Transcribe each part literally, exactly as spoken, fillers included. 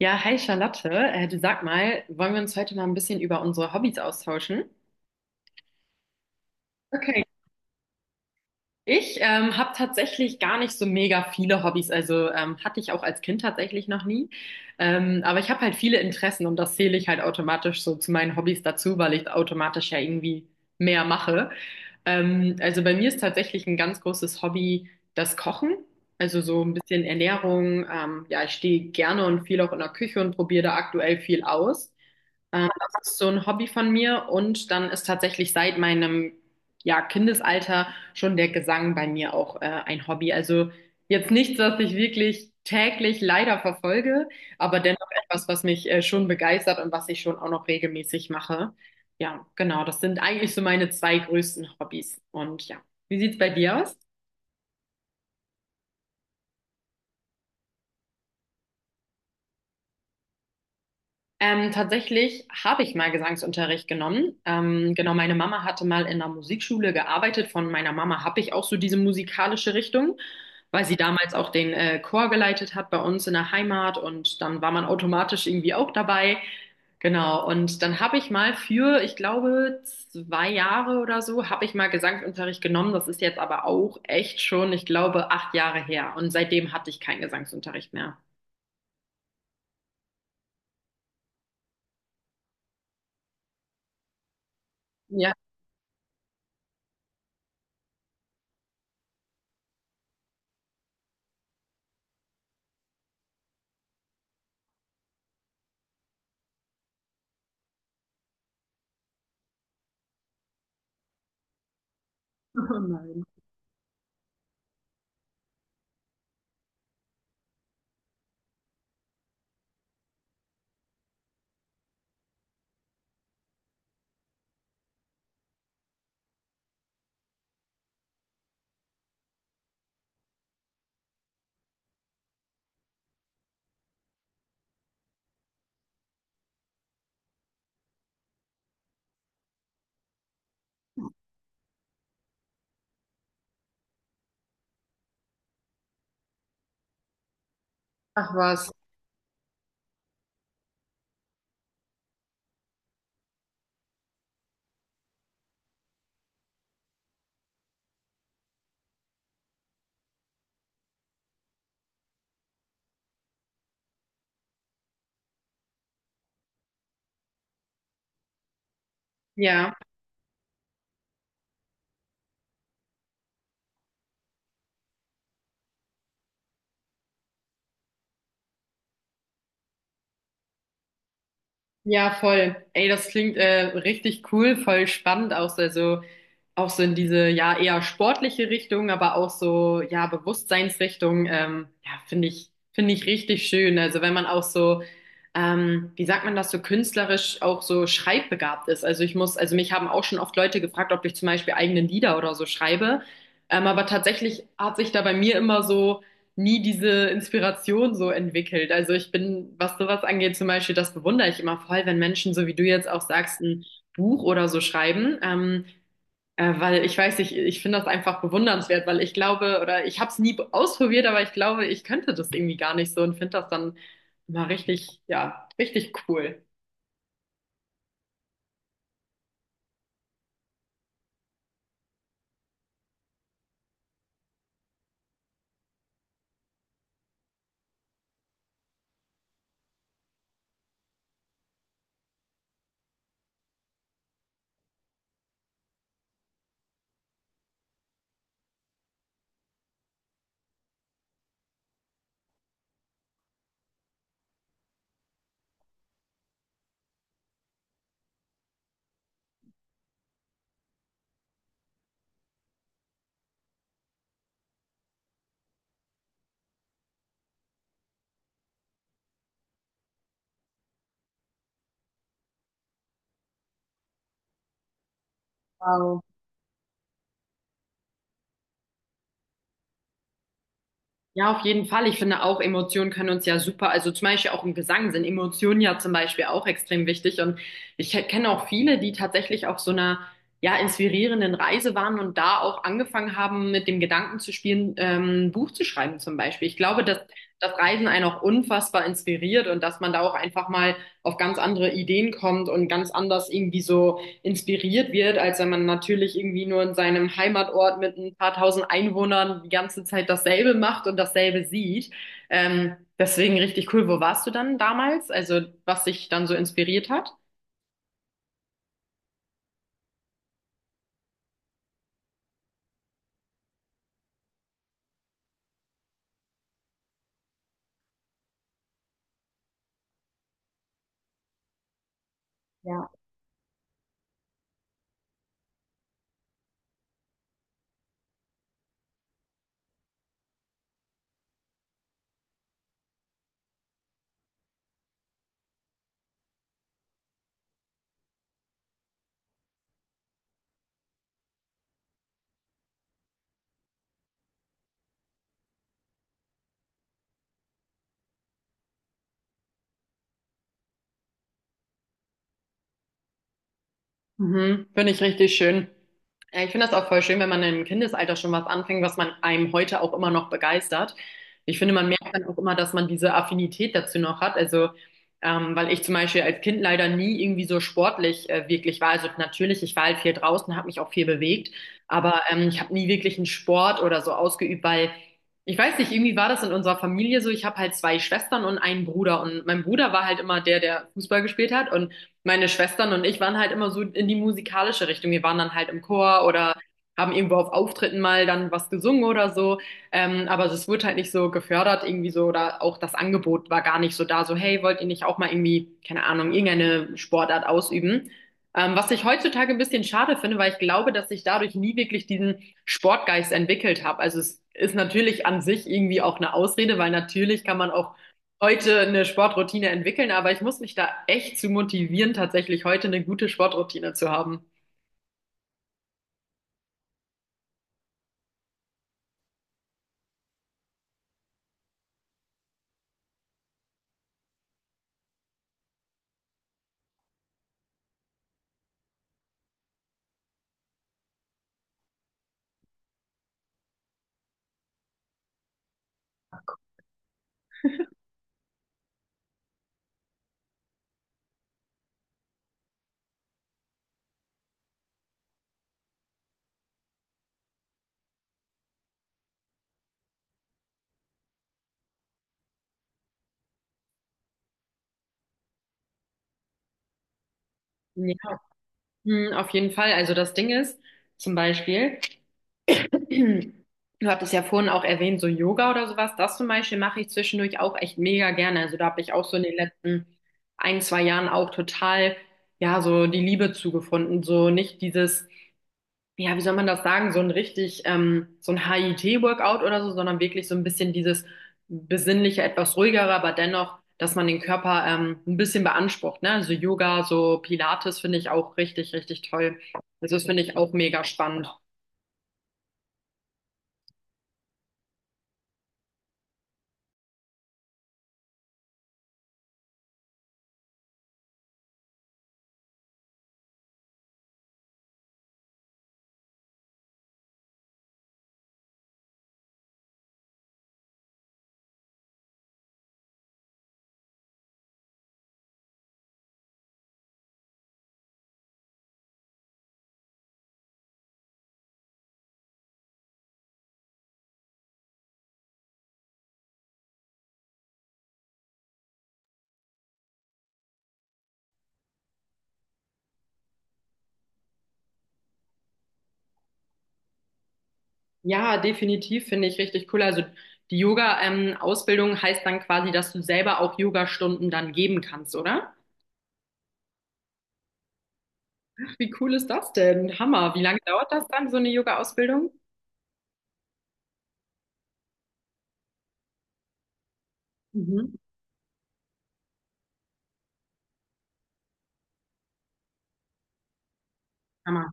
Ja, hi Charlotte. Äh, du sag mal, wollen wir uns heute mal ein bisschen über unsere Hobbys austauschen? Okay. Ich ähm, habe tatsächlich gar nicht so mega viele Hobbys, also ähm, hatte ich auch als Kind tatsächlich noch nie. Ähm, aber ich habe halt viele Interessen und das zähle ich halt automatisch so zu meinen Hobbys dazu, weil ich automatisch ja irgendwie mehr mache. Ähm, also bei mir ist tatsächlich ein ganz großes Hobby das Kochen, also so ein bisschen Ernährung. Ähm, ja, ich stehe gerne und viel auch in der Küche und probiere da aktuell viel aus. Ähm, das ist so ein Hobby von mir und dann ist tatsächlich seit meinem ja, Kindesalter schon der Gesang bei mir auch äh, ein Hobby. Also jetzt nichts, was ich wirklich täglich leider verfolge, aber dennoch etwas, was mich äh, schon begeistert und was ich schon auch noch regelmäßig mache. Ja, genau, das sind eigentlich so meine zwei größten Hobbys. Und ja, wie sieht's bei dir aus? Ähm, tatsächlich habe ich mal Gesangsunterricht genommen. Ähm, genau, meine Mama hatte mal in einer Musikschule gearbeitet. Von meiner Mama habe ich auch so diese musikalische Richtung, weil sie damals auch den äh, Chor geleitet hat bei uns in der Heimat und dann war man automatisch irgendwie auch dabei. Genau, und dann habe ich mal für, ich glaube, zwei Jahre oder so, habe ich mal Gesangsunterricht genommen. Das ist jetzt aber auch echt schon, ich glaube, acht Jahre her. Und seitdem hatte ich keinen Gesangsunterricht mehr. Ja, oh nein. Ach was. Ja. Ja, voll. Ey, das klingt äh, richtig cool, voll spannend auch so, also auch so in diese ja eher sportliche Richtung, aber auch so ja Bewusstseinsrichtung. Ähm, ja, finde ich finde ich richtig schön. Also wenn man auch so ähm, wie sagt man das so künstlerisch auch so schreibbegabt ist. Also ich muss, also mich haben auch schon oft Leute gefragt, ob ich zum Beispiel eigene Lieder oder so schreibe. Ähm, aber tatsächlich hat sich da bei mir immer so nie diese Inspiration so entwickelt. Also ich bin, was sowas angeht, zum Beispiel, das bewundere ich immer voll, wenn Menschen, so wie du jetzt auch sagst, ein Buch oder so schreiben. Ähm, äh, weil ich weiß, nicht, ich finde das einfach bewundernswert, weil ich glaube, oder ich habe es nie be- ausprobiert, aber ich glaube, ich könnte das irgendwie gar nicht so und finde das dann mal richtig, ja, richtig cool. Wow. Ja, auf jeden Fall. Ich finde auch, Emotionen können uns ja super, also zum Beispiel auch im Gesang sind Emotionen ja zum Beispiel auch extrem wichtig. Und ich kenne auch viele, die tatsächlich auf so einer, ja, inspirierenden Reise waren und da auch angefangen haben, mit dem Gedanken zu spielen, ähm, ein Buch zu schreiben zum Beispiel. Ich glaube, dass das Reisen einen auch unfassbar inspiriert und dass man da auch einfach mal auf ganz andere Ideen kommt und ganz anders irgendwie so inspiriert wird, als wenn man natürlich irgendwie nur in seinem Heimatort mit ein paar tausend Einwohnern die ganze Zeit dasselbe macht und dasselbe sieht. Ähm, deswegen richtig cool. Wo warst du dann damals? Also was dich dann so inspiriert hat? Mhm, finde ich richtig schön. Ja, ich finde das auch voll schön, wenn man im Kindesalter schon was anfängt, was man einem heute auch immer noch begeistert. Ich finde, man merkt dann auch immer, dass man diese Affinität dazu noch hat. Also, ähm, weil ich zum Beispiel als Kind leider nie irgendwie so sportlich äh, wirklich war. Also natürlich, ich war halt viel draußen, habe mich auch viel bewegt, aber ähm, ich habe nie wirklich einen Sport oder so ausgeübt, weil ich weiß nicht, irgendwie war das in unserer Familie so. Ich habe halt zwei Schwestern und einen Bruder und mein Bruder war halt immer der, der Fußball gespielt hat und meine Schwestern und ich waren halt immer so in die musikalische Richtung. Wir waren dann halt im Chor oder haben irgendwo auf Auftritten mal dann was gesungen oder so. Ähm, aber es wurde halt nicht so gefördert irgendwie so oder auch das Angebot war gar nicht so da. So, hey, wollt ihr nicht auch mal irgendwie, keine Ahnung, irgendeine Sportart ausüben? Ähm, was ich heutzutage ein bisschen schade finde, weil ich glaube, dass ich dadurch nie wirklich diesen Sportgeist entwickelt habe. Also es ist natürlich an sich irgendwie auch eine Ausrede, weil natürlich kann man auch heute eine Sportroutine entwickeln, aber ich muss mich da echt zu motivieren, tatsächlich heute eine gute Sportroutine zu haben. Ja, Hm, auf jeden Fall. Also das Ding ist, zum Beispiel, du hattest ja vorhin auch erwähnt, so Yoga oder sowas, das zum Beispiel mache ich zwischendurch auch echt mega gerne. Also da habe ich auch so in den letzten ein, zwei Jahren auch total, ja, so die Liebe zugefunden. So nicht dieses ja, wie soll man das sagen, so ein richtig, ähm, so ein HIIT-Workout oder so, sondern wirklich so ein bisschen dieses besinnliche, etwas ruhigere, aber dennoch, dass man den Körper ähm, ein bisschen beansprucht, ne? Also Yoga, so Pilates finde ich auch richtig, richtig toll. Also das finde ich auch mega spannend. Ja, definitiv finde ich richtig cool. Also die Yoga-Ausbildung heißt dann quasi, dass du selber auch Yogastunden dann geben kannst, oder? Ach, wie cool ist das denn? Hammer. Wie lange dauert das dann, so eine Yoga-Ausbildung? Mhm. Hammer.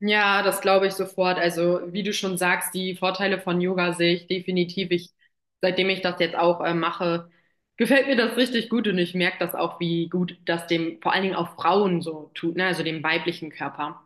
Ja, das glaube ich sofort. Also, wie du schon sagst, die Vorteile von Yoga sehe ich definitiv. Ich, seitdem ich das jetzt auch äh, mache, gefällt mir das richtig gut und ich merke das auch, wie gut das dem vor allen Dingen auch Frauen so tut, ne? Also dem weiblichen Körper.